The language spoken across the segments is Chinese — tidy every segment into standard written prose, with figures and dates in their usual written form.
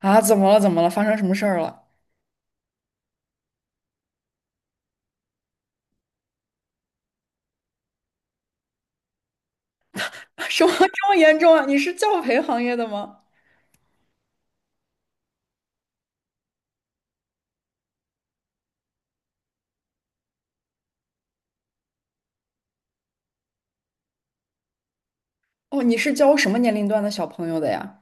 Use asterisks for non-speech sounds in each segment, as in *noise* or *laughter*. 啊，怎么了？怎么了？发生什么事儿了？*laughs* 什么这么严重啊？你是教培行业的吗？哦，你是教什么年龄段的小朋友的呀？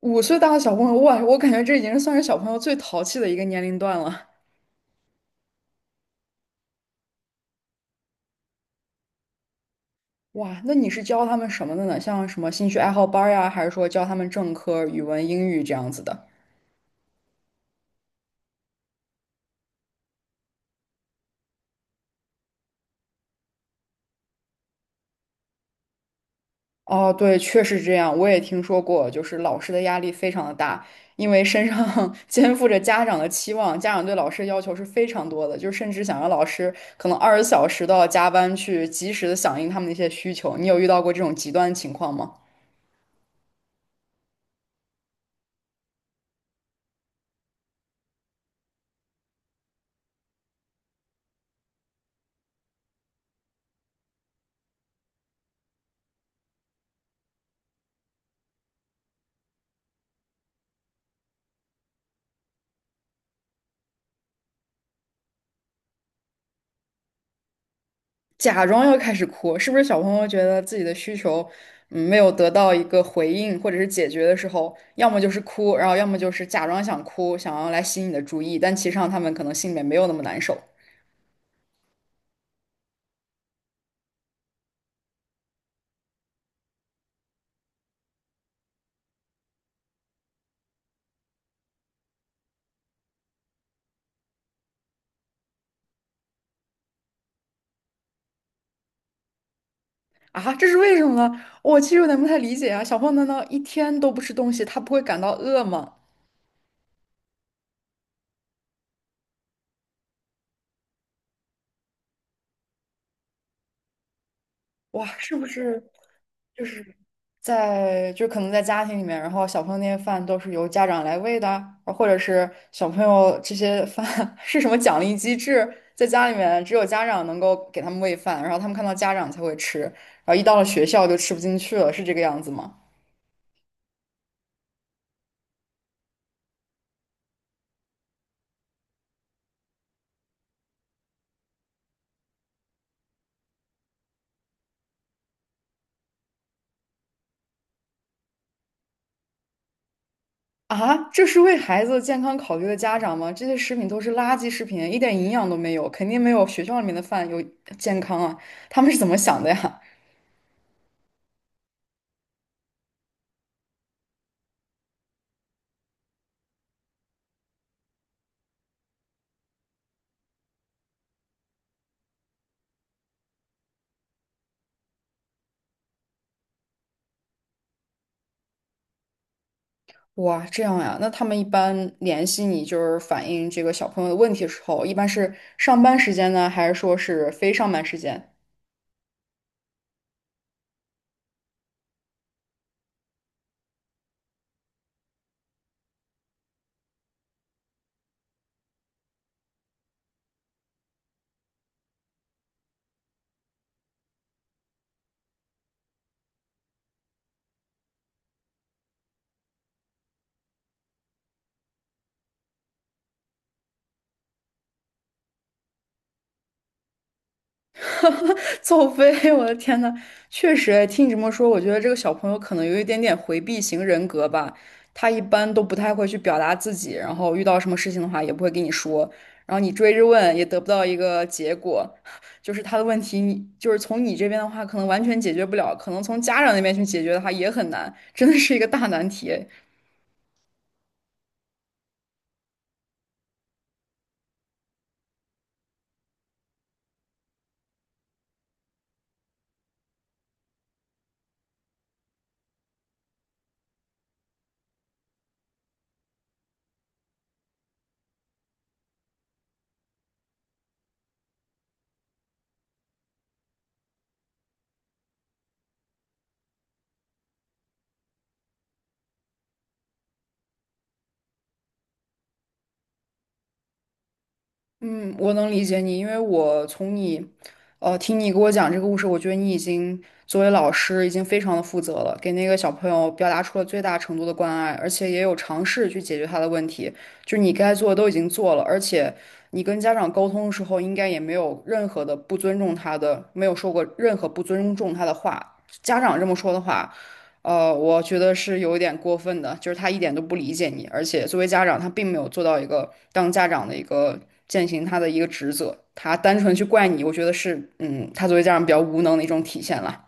5岁大的小朋友，哇，我感觉这已经是算是小朋友最淘气的一个年龄段了。哇，那你是教他们什么的呢？像什么兴趣爱好班儿呀，还是说教他们正科语文、英语这样子的？哦，对，确实这样，我也听说过，就是老师的压力非常的大，因为身上 *laughs* 肩负着家长的期望，家长对老师的要求是非常多的，就甚至想让老师可能20小时都要加班去及时的响应他们的一些需求。你有遇到过这种极端的情况吗？假装要开始哭，是不是小朋友觉得自己的需求，嗯，没有得到一个回应或者是解决的时候，要么就是哭，然后要么就是假装想哭，想要来吸引你的注意，但其实上他们可能心里面没有那么难受。啊，这是为什么呢？我其实有点不太理解啊。小朋友难道一天都不吃东西，他不会感到饿吗？哇，是不是就是在就可能在家庭里面，然后小朋友那些饭都是由家长来喂的啊或者是小朋友这些饭 *laughs* 是什么奖励机制？在家里面只有家长能够给他们喂饭，然后他们看到家长才会吃，然后一到了学校就吃不进去了，是这个样子吗？啊，这是为孩子健康考虑的家长吗？这些食品都是垃圾食品，一点营养都没有，肯定没有学校里面的饭有健康啊。他们是怎么想的呀？*laughs* 哇，这样呀？那他们一般联系你，就是反映这个小朋友的问题的时候，一般是上班时间呢，还是说是非上班时间？*laughs* 哈哈，*laughs* 走飞！我的天呐，确实，哎听你这么说，我觉得这个小朋友可能有一点点回避型人格吧。他一般都不太会去表达自己，然后遇到什么事情的话也不会跟你说，然后你追着问也得不到一个结果，*laughs* 就是他的问题你，就是从你这边的话可能完全解决不了，可能从家长那边去解决的话也很难，真的是一个大难题。嗯，我能理解你，因为我从你，听你给我讲这个故事，我觉得你已经作为老师已经非常的负责了，给那个小朋友表达出了最大程度的关爱，而且也有尝试去解决他的问题，就是你该做的都已经做了，而且你跟家长沟通的时候，应该也没有任何的不尊重他的，没有说过任何不尊重他的话，家长这么说的话。我觉得是有一点过分的，就是他一点都不理解你，而且作为家长，他并没有做到一个当家长的一个践行他的一个职责，他单纯去怪你，我觉得是，嗯，他作为家长比较无能的一种体现了。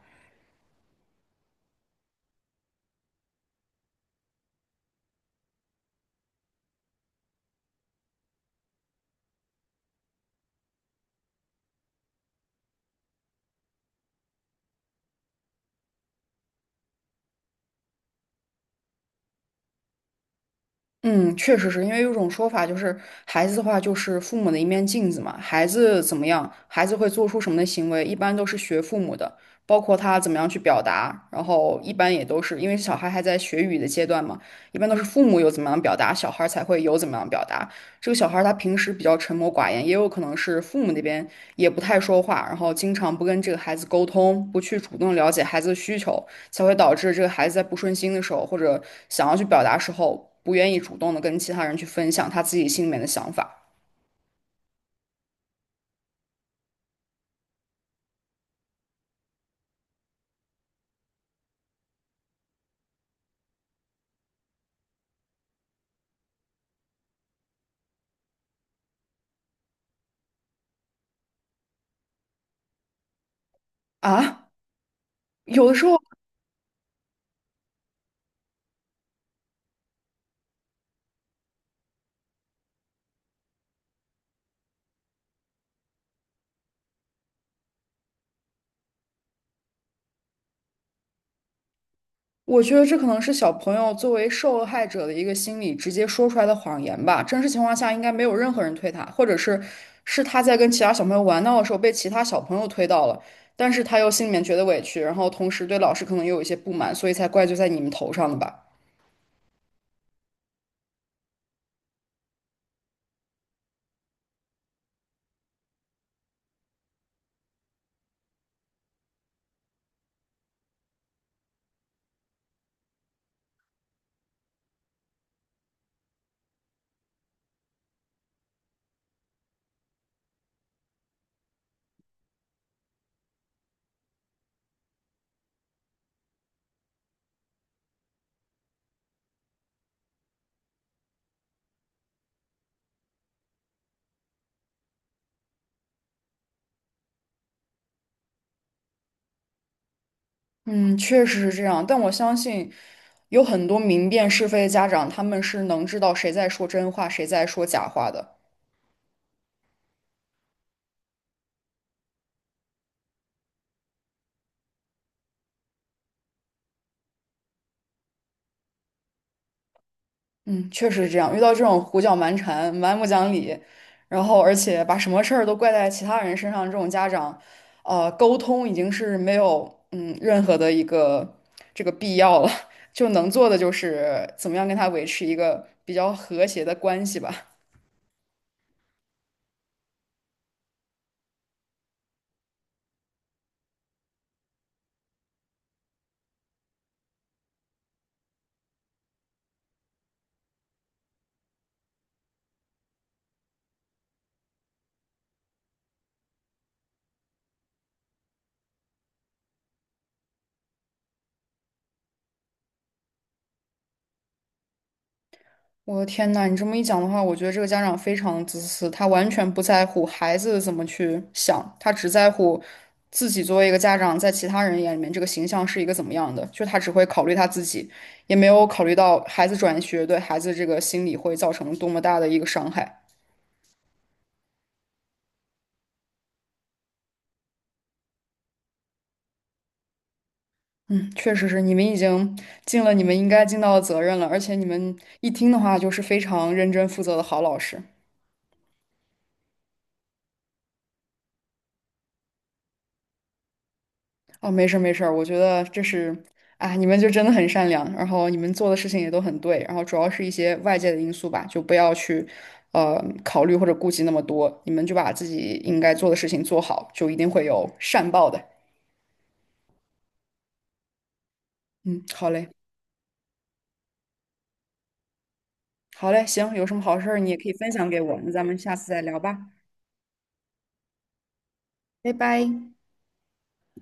嗯，确实是因为有种说法，就是孩子的话就是父母的一面镜子嘛，孩子怎么样，孩子会做出什么的行为，一般都是学父母的，包括他怎么样去表达，然后一般也都是因为小孩还在学语的阶段嘛，一般都是父母有怎么样表达，小孩才会有怎么样表达。这个小孩儿他平时比较沉默寡言，也有可能是父母那边也不太说话，然后经常不跟这个孩子沟通，不去主动了解孩子的需求，才会导致这个孩子在不顺心的时候，或者想要去表达时候，不愿意主动的跟其他人去分享他自己心里面的想法啊。有的时候我觉得这可能是小朋友作为受害者的一个心理直接说出来的谎言吧。真实情况下，应该没有任何人推他，或者是他在跟其他小朋友玩闹的时候被其他小朋友推到了，但是他又心里面觉得委屈，然后同时对老师可能也有一些不满，所以才怪罪在你们头上的吧。嗯，确实是这样，但我相信有很多明辨是非的家长，他们是能知道谁在说真话，谁在说假话的。嗯，确实是这样。遇到这种胡搅蛮缠、蛮不讲理，然后而且把什么事儿都怪在其他人身上，这种家长，沟通已经是没有任何的一个这个必要了，*laughs* 就能做的就是怎么样跟他维持一个比较和谐的关系吧。我的天呐，你这么一讲的话，我觉得这个家长非常自私，他完全不在乎孩子怎么去想，他只在乎自己作为一个家长，在其他人眼里面这个形象是一个怎么样的，就他只会考虑他自己，也没有考虑到孩子转学对孩子这个心理会造成多么大的一个伤害。嗯，确实是，你们已经尽了你们应该尽到的责任了，而且你们一听的话就是非常认真负责的好老师。哦，没事儿没事儿，我觉得这是，啊，你们就真的很善良，然后你们做的事情也都很对，然后主要是一些外界的因素吧，就不要去，考虑或者顾及那么多，你们就把自己应该做的事情做好，就一定会有善报的。嗯，好嘞，好嘞，行，有什么好事儿你也可以分享给我，那咱们下次再聊吧，拜拜。